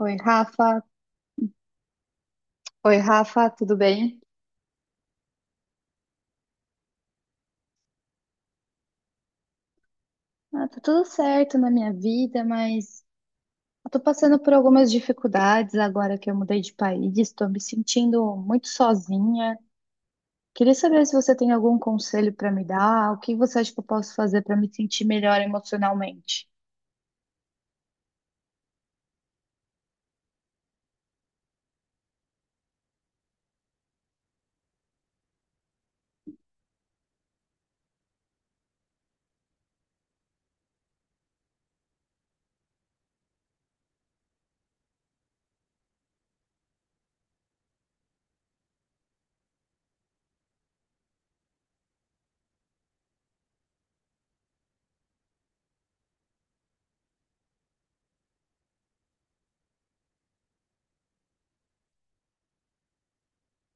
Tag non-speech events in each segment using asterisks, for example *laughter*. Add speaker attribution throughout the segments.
Speaker 1: Oi, Rafa. Oi, Rafa, tudo bem? Ah, tá tudo certo na minha vida, mas eu tô passando por algumas dificuldades agora que eu mudei de país, estou me sentindo muito sozinha. Queria saber se você tem algum conselho para me dar, o que você acha que eu posso fazer para me sentir melhor emocionalmente?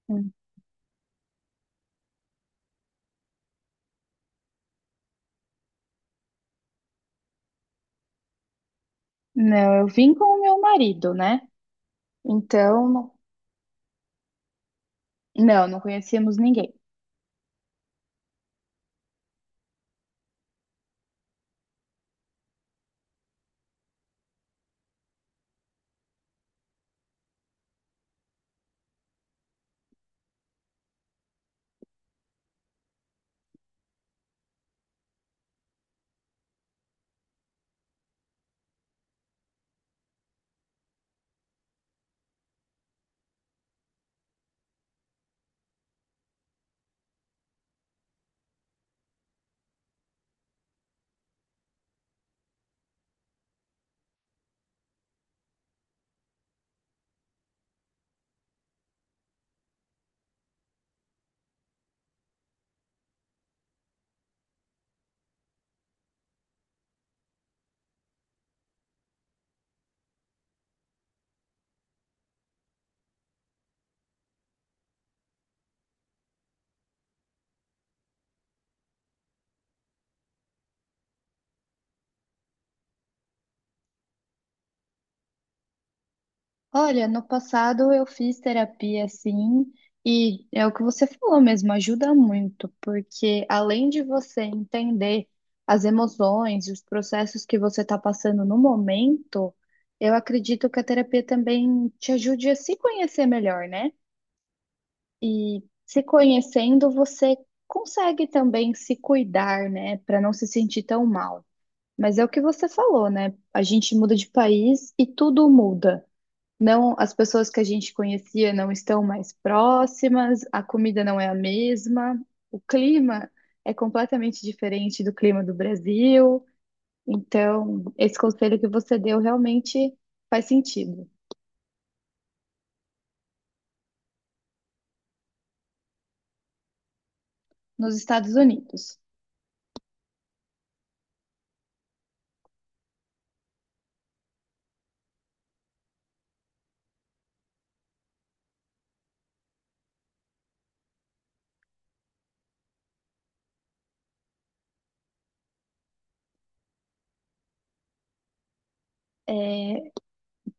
Speaker 1: Hum. Não, eu vim com o meu marido, né? Então, não, não conhecíamos ninguém. Olha, no passado eu fiz terapia sim, e é o que você falou mesmo, ajuda muito, porque além de você entender as emoções e os processos que você está passando no momento, eu acredito que a terapia também te ajude a se conhecer melhor, né? E se conhecendo, você consegue também se cuidar, né, para não se sentir tão mal. Mas é o que você falou, né? A gente muda de país e tudo muda. Não, as pessoas que a gente conhecia não estão mais próximas, a comida não é a mesma, o clima é completamente diferente do clima do Brasil. Então, esse conselho que você deu realmente faz sentido. Nos Estados Unidos,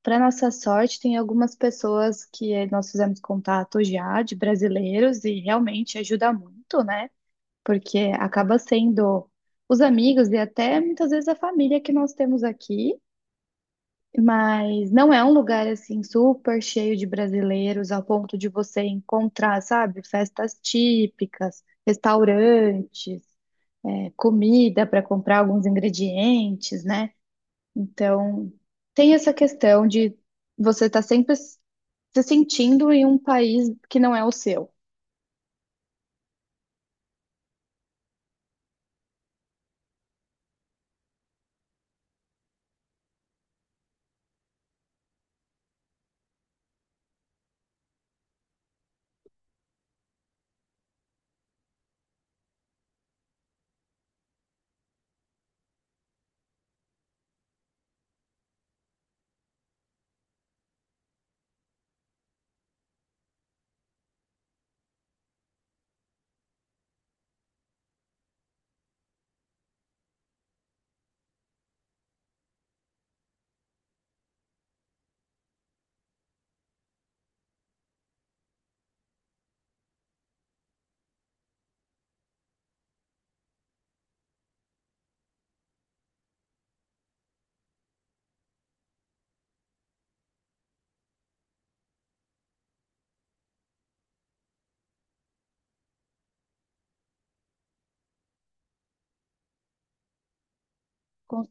Speaker 1: para nossa sorte, tem algumas pessoas que nós fizemos contato já de brasileiros e realmente ajuda muito, né? Porque acaba sendo os amigos e até muitas vezes a família que nós temos aqui. Mas não é um lugar assim super cheio de brasileiros ao ponto de você encontrar, sabe, festas típicas, restaurantes, é, comida para comprar alguns ingredientes, né? Então, tem essa questão de você estar sempre se sentindo em um país que não é o seu. Com-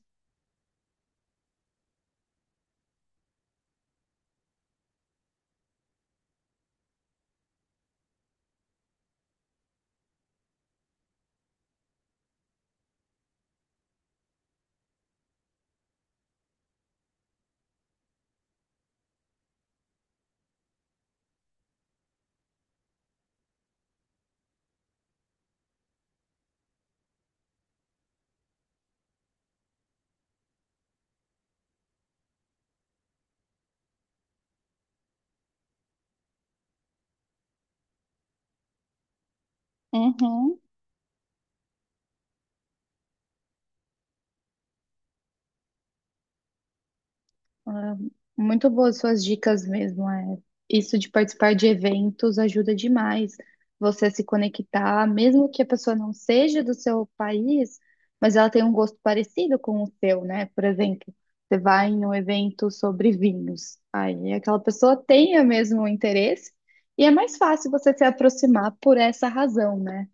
Speaker 1: Uhum. Ah, muito boas suas dicas mesmo. É. Isso de participar de eventos ajuda demais você a se conectar, mesmo que a pessoa não seja do seu país, mas ela tem um gosto parecido com o seu, né? Por exemplo, você vai em um evento sobre vinhos, aí aquela pessoa tem o mesmo interesse e é mais fácil você se aproximar por essa razão, né?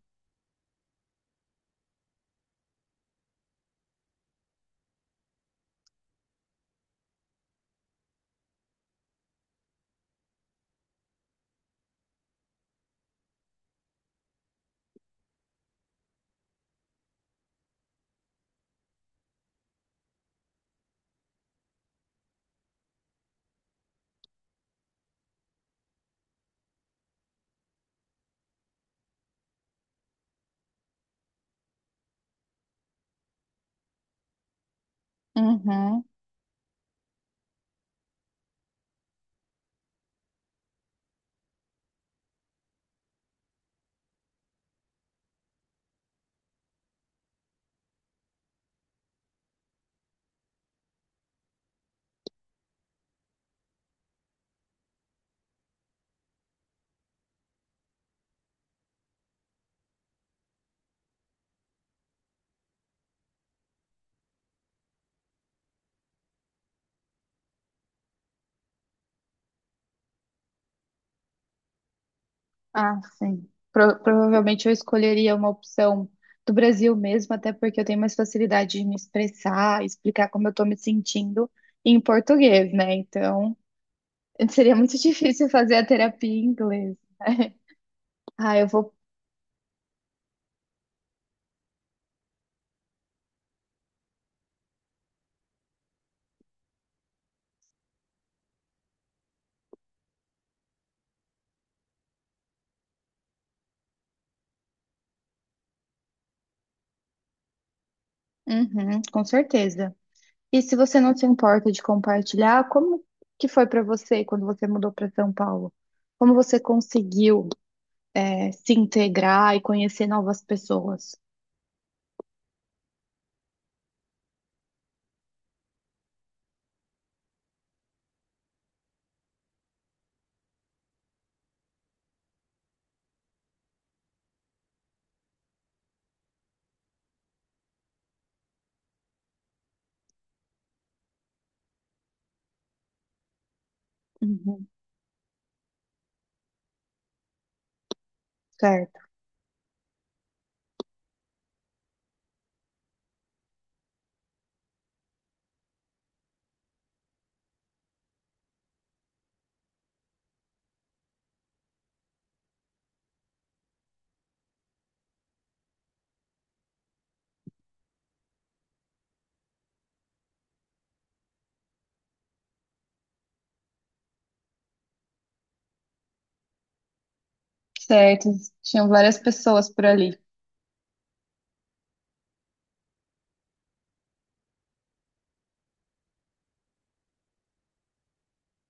Speaker 1: Uhum. Ah, sim. Provavelmente eu escolheria uma opção do Brasil mesmo, até porque eu tenho mais facilidade de me expressar, explicar como eu estou me sentindo em português, né? Então, seria muito *laughs* difícil fazer a terapia em inglês. *laughs* Ah, eu vou. Uhum, com certeza. E se você não se importa de compartilhar, como que foi para você quando você mudou para São Paulo? Como você conseguiu, é, se integrar e conhecer novas pessoas? Uhum, certo. Certo, tinham várias pessoas por ali.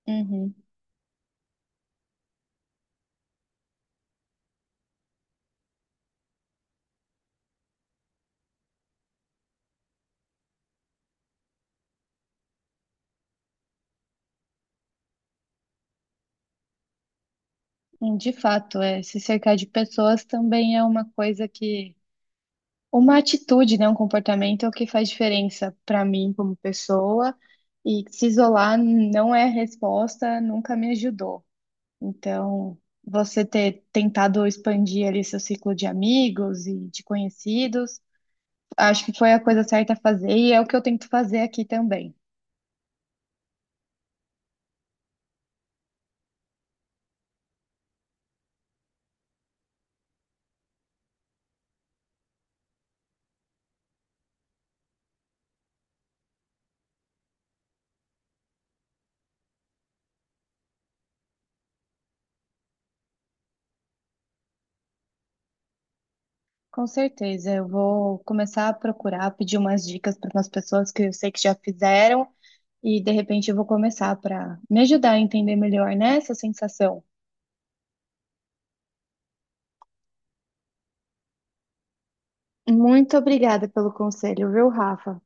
Speaker 1: Uhum. De fato, é, se cercar de pessoas também é uma coisa que, uma atitude, né, um comportamento é o que faz diferença para mim como pessoa, e se isolar não é a resposta, nunca me ajudou. Então, você ter tentado expandir ali seu ciclo de amigos e de conhecidos, acho que foi a coisa certa a fazer, e é o que eu tento fazer aqui também. Com certeza, eu vou começar a procurar, pedir umas dicas para umas pessoas que eu sei que já fizeram e de repente eu vou começar para me ajudar a entender melhor, né, essa sensação. Muito obrigada pelo conselho, viu, Rafa?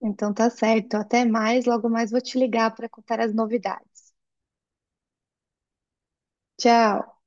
Speaker 1: Então tá certo, até mais, logo mais vou te ligar para contar as novidades. Tchau.